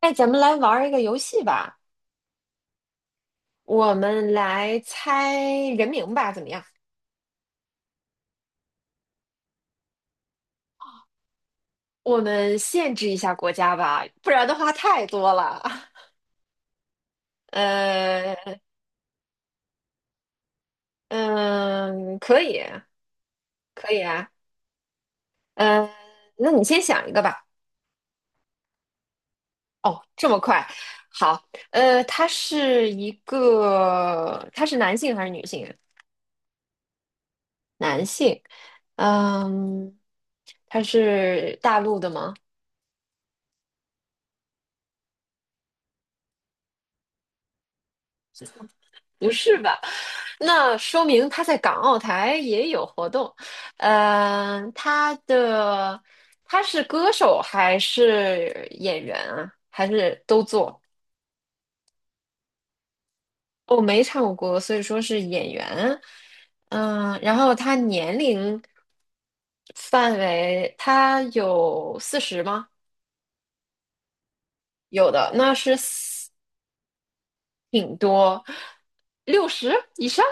哎，咱们来玩儿一个游戏吧，我们来猜人名吧，怎么样？我们限制一下国家吧，不然的话太多了。呃，嗯，可以，可以啊。嗯。那你先想一个吧。哦，这么快？好，他是男性还是女性啊？男性。嗯，他是大陆的吗？不是吧？那说明他在港澳台也有活动。嗯、呃，他的他是歌手还是演员啊？还是都做？我没唱过歌，所以说是演员。然后他年龄范围，他有四十吗？有的，那是四挺多，六十以上，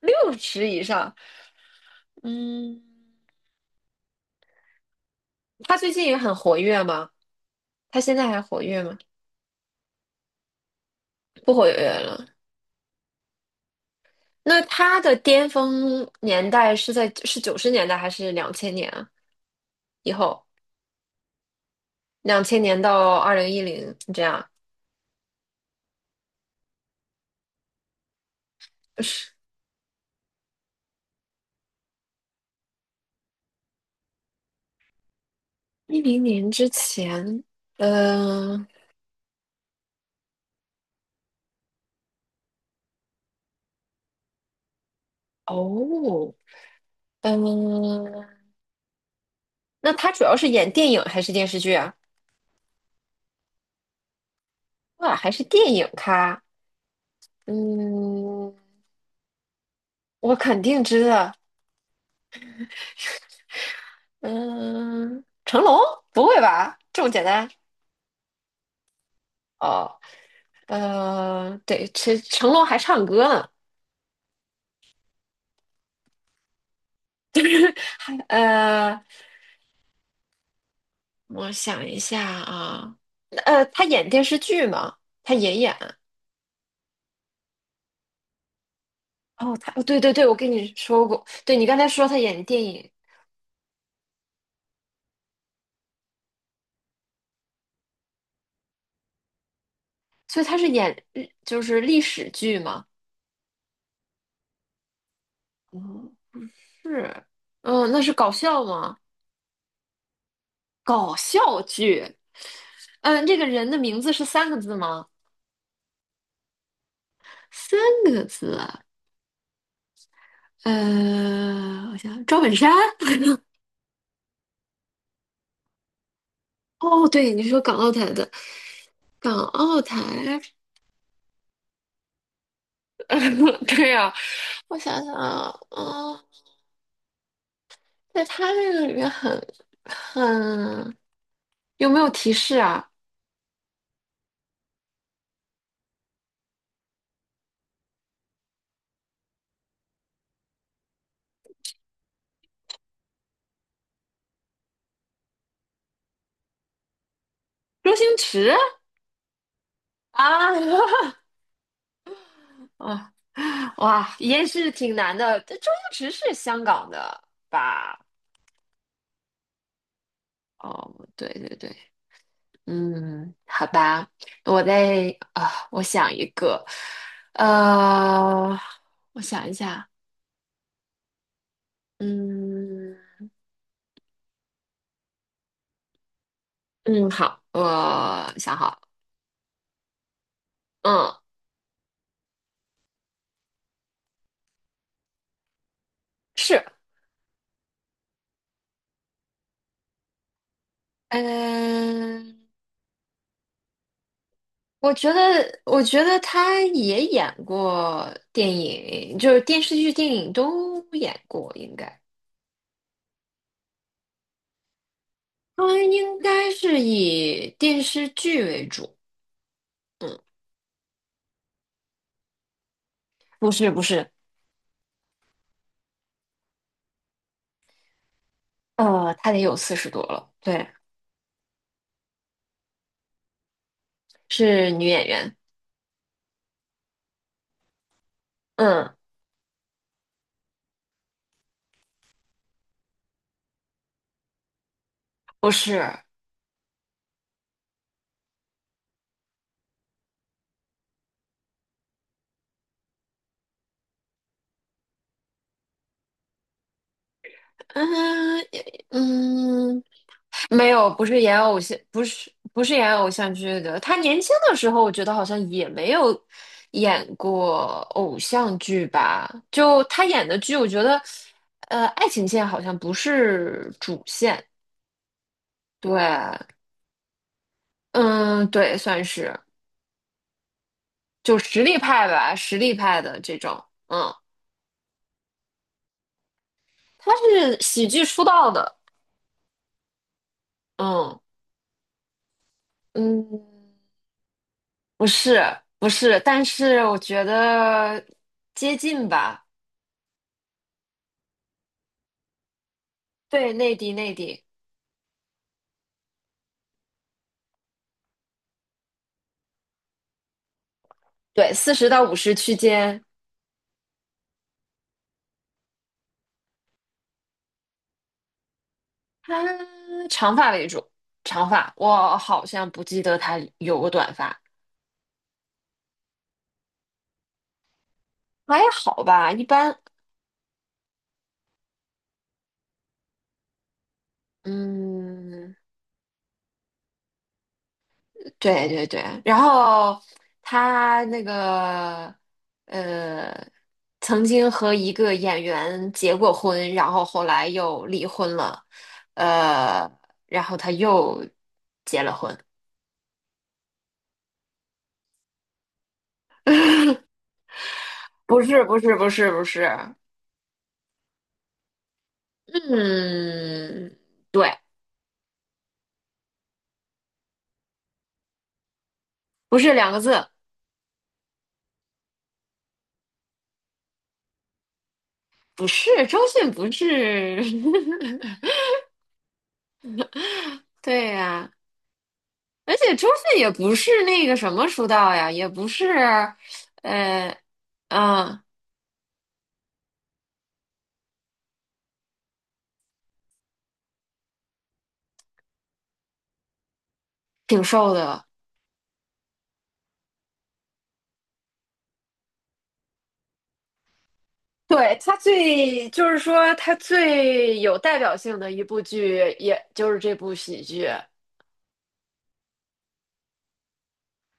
六十以上。嗯，他最近也很活跃吗？他现在还活跃吗？不活跃了。那他的巅峰年代是90年代还是两千年啊？以后两千年到2010这样，是10年之前。嗯，哦。嗯、那他主要是演电影还是电视剧啊？哇，还是电影咖。嗯，我肯定知道。嗯，成龙？不会吧？这么简单？哦。对，成龙还唱歌呢。呃，我想一下啊。他演电视剧吗？他也演。哦，哦，对对对，我跟你说过，对，你刚才说他演电影。所以他是演日就是历史剧吗？嗯，是。嗯，那是搞笑吗？搞笑剧。嗯，这个人的名字是三个字吗？三个字啊。呃，我想想，赵本山。哦，对，你说港澳台。对呀，我想想啊。嗯，在他这个里面很很有没有提示啊？周星驰啊。啊，哇，也是挺难的。这周星驰是香港的吧？哦，对对对。嗯，好吧，我再啊，我想一个。呃，我想一下。嗯嗯，好，我想好了。嗯，是。嗯，我觉得他也演过电影，就是电视剧、电影都演过，他应该是以电视剧为主。嗯，不是不是。他得有40多了。对，是女演员。嗯，不是。嗯嗯，没有。不是演偶像，不是不是演偶像剧的。他年轻的时候，我觉得好像也没有演过偶像剧吧。就他演的剧，我觉得，爱情线好像不是主线。对。嗯，对，算是就实力派吧，实力派的这种。嗯，他是喜剧出道的。嗯嗯，不是不是，但是我觉得接近吧。对，内地内地。对，40到50区间。他长发为主，长发，我好像不记得他有过短发。还好吧，一般。嗯，对对对。然后他那个，呃，曾经和一个演员结过婚，然后后来又离婚了，呃，然后他又结了婚。不是不是不是不是。嗯，对，不是2个字。不是，周迅不是。对呀，而且周迅也不是那个什么出道呀，也不是。呃，嗯，挺瘦的。对。就是说他最有代表性的一部剧，也就是这部喜剧，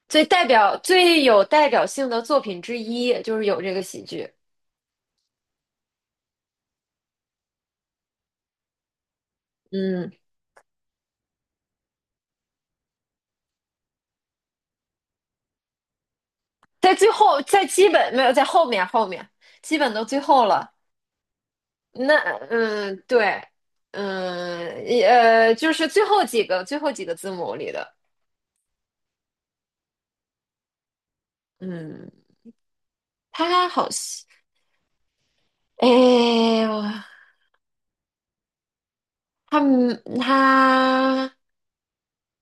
最有代表性的作品之一，就是有这个喜剧。嗯，在最后，在基本没有，在后面，后面基本都最后了。那嗯，对。嗯也，就是最后几个字母里的。嗯，还好像，哎呦，他他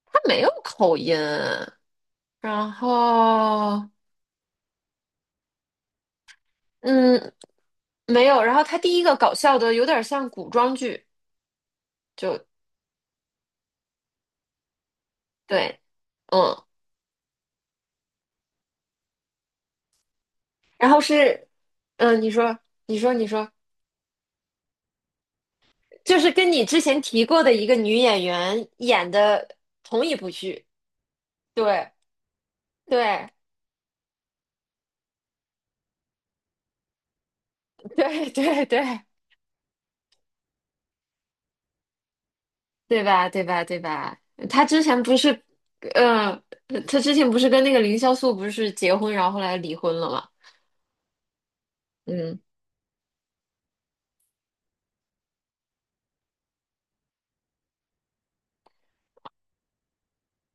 他没有口音。然后嗯没有。然后他第一个搞笑的有点像古装剧。就对。嗯，然后是你说你说你说，就是跟你之前提过的一个女演员演的同一部剧。对。对。 对对对，对吧？对吧？对吧？他之前不是，嗯、他之前不是跟那个凌潇肃不是结婚，然后后来离婚了嘛？嗯。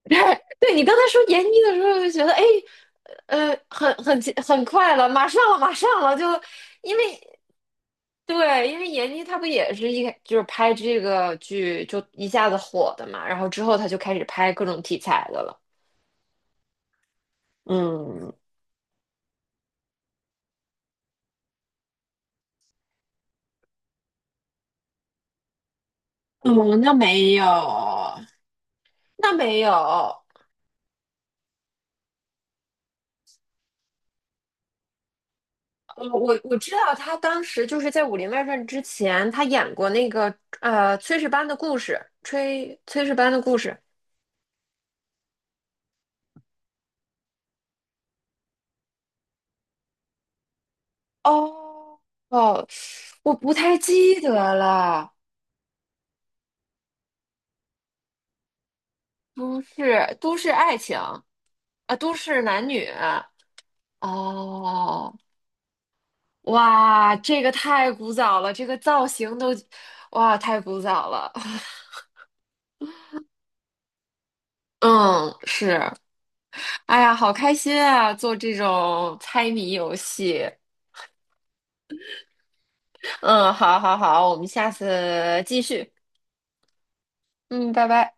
对，你刚才说闫妮的时候，就觉得哎，很快了，马上了，马上了。就因为，对，因为闫妮她不也是一开就是拍这个剧就一下子火的嘛，然后之后她就开始拍各种题材的了。嗯嗯，那没有，那没有。我知道他当时就是在《武林外传》之前，他演过那个《炊事班的故事》，炊事班的故事。哦哦，我不太记得了，不是都市爱情啊，都市男女。哦，哇，这个太古早了，这个造型都，哇，太古早了。嗯，是。哎呀，好开心啊，做这种猜谜游戏。嗯，好，好，好，我们下次继续。嗯，拜拜。